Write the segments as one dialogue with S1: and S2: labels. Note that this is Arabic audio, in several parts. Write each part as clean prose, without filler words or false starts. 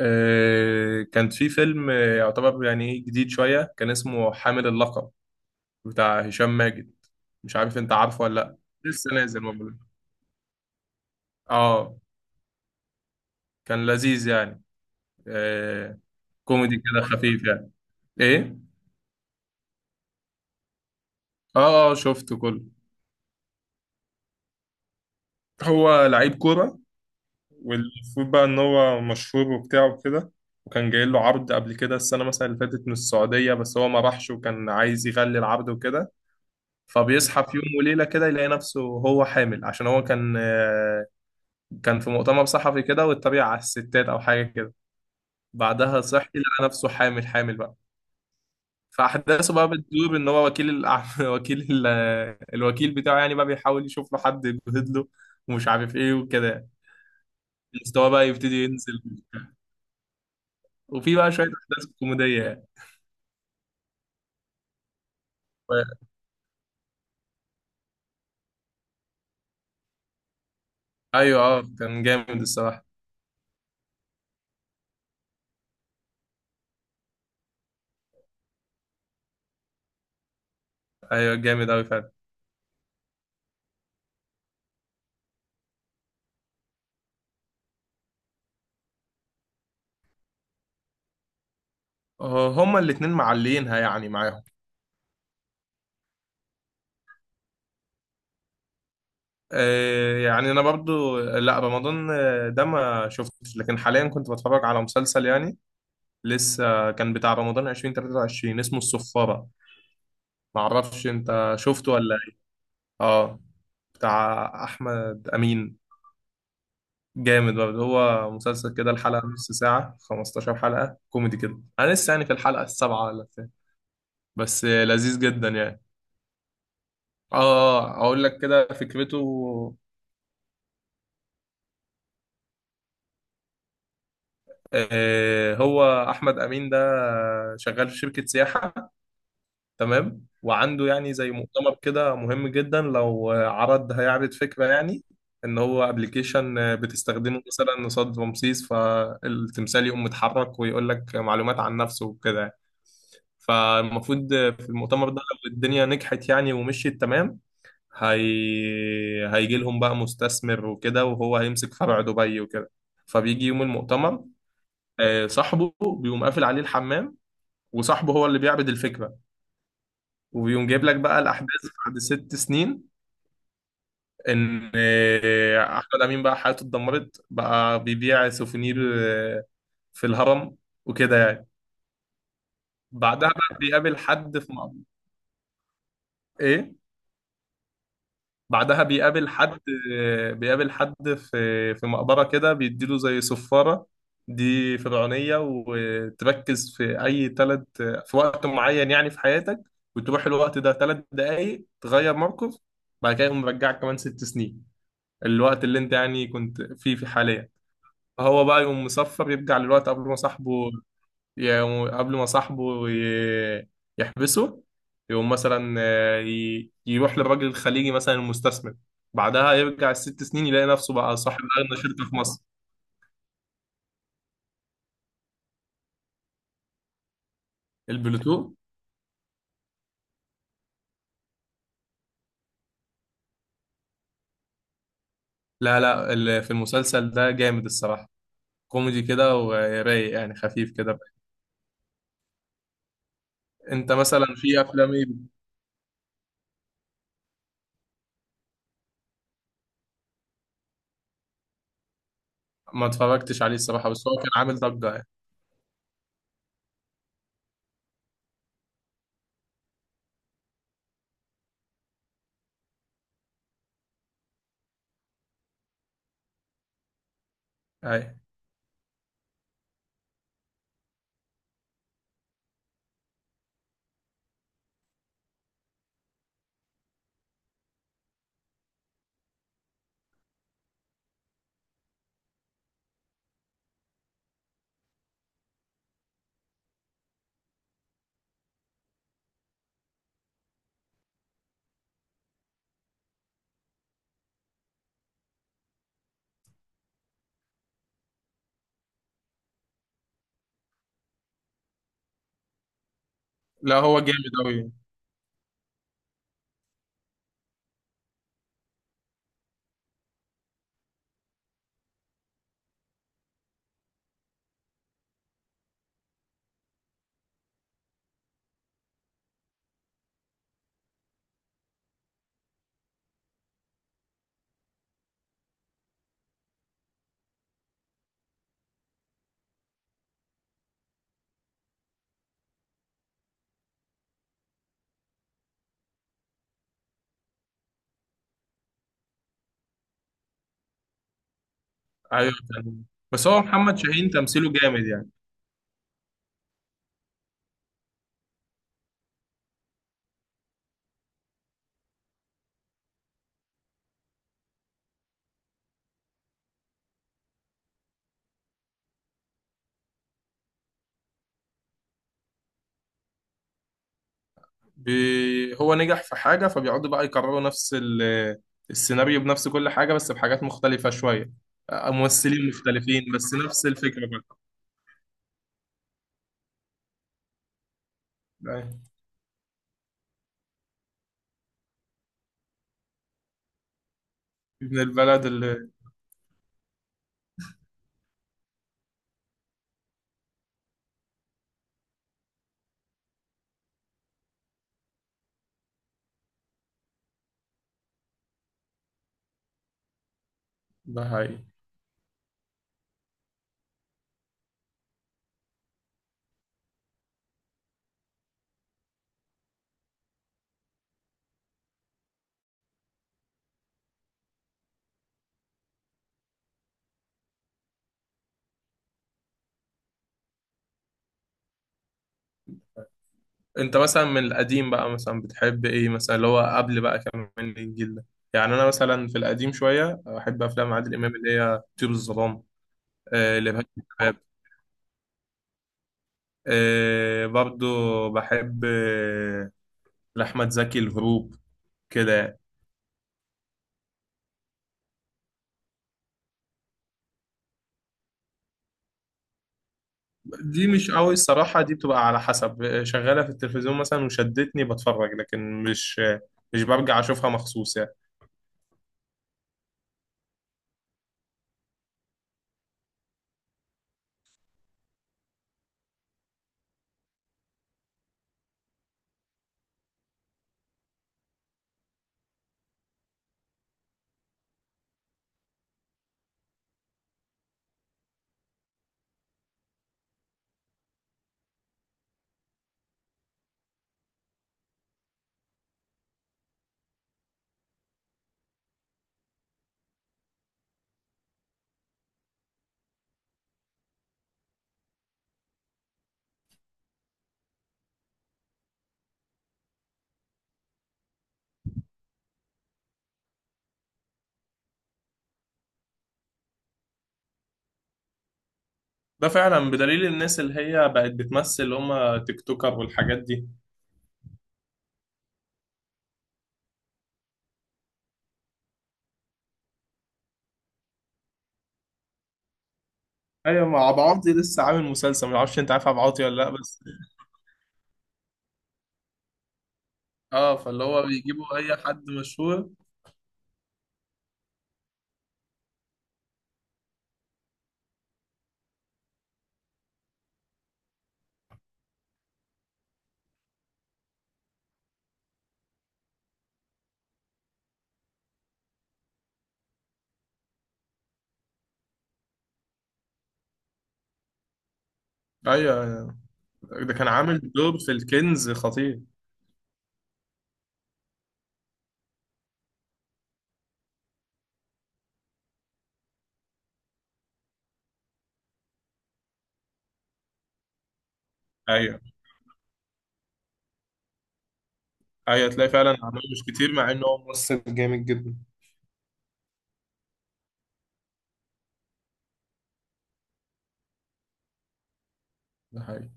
S1: كان في فيلم يعتبر يعني إيه جديد شوية. كان اسمه حامل اللقب بتاع هشام ماجد. مش عارف، انت عارفه ولا لأ؟ لسه نازل والله. اه، كان لذيذ يعني. آه، كوميدي كده خفيف يعني، ايه. اه، اه، شفته كله. هو لعيب كورة، والمفروض بقى ان هو مشهور وبتاع وكده. وكان جاي له عرض قبل كده، السنة مثلا اللي فاتت، من السعودية، بس هو ما راحش وكان عايز يغلي العرض وكده. فبيصحى في يوم وليلة كده يلاقي نفسه هو حامل، عشان هو كان كان في مؤتمر صحفي كده، واتبع على الستات أو حاجة كده. بعدها صحي لقى نفسه حامل، حامل بقى. فأحداثه بقى بتدور، إن هو الوكيل بتاعه يعني بقى بيحاول يشوف له حد يبهد له، ومش عارف إيه وكده. مستواه بقى يبتدي ينزل، وفي بقى شوية أحداث كوميدية يعني. ف- أيوه، أه، كان جامد الصراحة. أيوه، جامد أوي فعلا. هما الاتنين معلينها يعني معاهم. يعني انا برضو، لا، رمضان ده ما شفتش، لكن حاليا كنت بتفرج على مسلسل يعني. لسه كان بتاع رمضان 2023 اسمه الصفارة. ما اعرفش انت شفته ولا إيه؟ اه، بتاع احمد امين. جامد برضه، هو مسلسل كده، الحلقة نص ساعة، 15 حلقة كوميدي كده. انا لسه يعني في الحلقة السابعة ولا بتاع. بس لذيذ جدا يعني. اه. اقول لك كده فكرته. هو احمد امين ده شغال في شركة سياحة. تمام، وعنده يعني زي مؤتمر كده مهم جدا، لو عرض هيعرض فكرة يعني. ان هو ابلكيشن بتستخدمه مثلا قصاد رمسيس، فالتمثال يقوم متحرك ويقول لك معلومات عن نفسه وكده يعني. فالمفروض في المؤتمر ده، لو الدنيا نجحت يعني ومشيت تمام، هيجي لهم بقى مستثمر وكده، وهو هيمسك فرع دبي وكده. فبيجي يوم المؤتمر. صاحبه بيقوم قافل عليه الحمام، وصاحبه هو اللي بيعرض الفكرة. وبيقوم جايب لك بقى الاحداث بعد 6 سنين، ان احمد امين بقى حياته اتدمرت، بقى بيبيع سوفونير في الهرم وكده يعني. بعدها بقى بيقابل حد في مقبرة. ايه. بعدها بيقابل حد، بيقابل حد في مقبرة كده بيديله زي صفارة، دي فرعونية، وتركز في أي تلت في وقت معين يعني في حياتك، وتروح الوقت ده 3 دقايق تغير موقف. بعد كده يقوم مرجعك كمان 6 سنين، الوقت اللي انت يعني كنت فيه في حاليا. هو بقى يقوم مصفر، يرجع للوقت قبل ما صاحبه يقوم- قبل ما صاحبه ي- يحبسه. يقوم مثلا يروح للراجل الخليجي مثلا المستثمر. بعدها يرجع الست سنين، يلاقي نفسه بقى صاحب أغنى شركة في مصر. البلوتو. لا، لا، في المسلسل ده جامد الصراحة، كوميدي كده ورايق يعني خفيف كده. انت مثلا في افلام ايه؟ ما اتفرجتش عليه الصراحة، بس هو كان عامل ضجة يعني. أي. لا، هو جامد أوي. ايوه، تمام. بس هو محمد شاهين تمثيله جامد يعني. هو نجح في حاجة، فبيقعدوا بقى يكرروا نفس السيناريو بنفس كل حاجة، بس بحاجات مختلفة شوية. ممثلين مختلفين، بس نفس الفكرة بقى. أيوة. ابن البلد اللي. ده حقيقي. انت مثلا من القديم بقى مثلا بتحب ايه، مثلا اللي هو قبل بقى كمان الجيل ده؟ يعني انا مثلا في القديم شوية، احب افلام عادل امام اللي هي طيور الظلام. آه، لبهاء الشباب. آه، برضو بحب آه. لأحمد زكي الهروب كده. دي مش قوي الصراحة، دي بتبقى على حسب شغالة في التلفزيون مثلا وشدتني بتفرج، لكن مش برجع أشوفها مخصوص يعني. ده فعلا، بدليل الناس اللي هي بقت بتمثل اللي هم تيك توكر والحاجات دي. أيوة، مع عبد عوضي لسه عامل مسلسل، معرفش أنت عارف عبد عوضي ولا لأ، بس. اه، فاللي هو بيجيبوا أي حد مشهور. أيوة، ده كان عامل دور في الكنز خطير. أيوة، أيوة، تلاقي فعلا عمل مش كتير، مع إنه هو ممثل جامد جدا. ده حقيقي،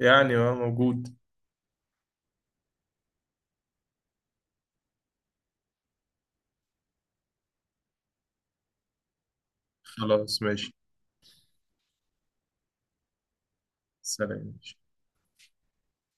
S1: يعني هو موجود. خلاص، ماشي. سلام.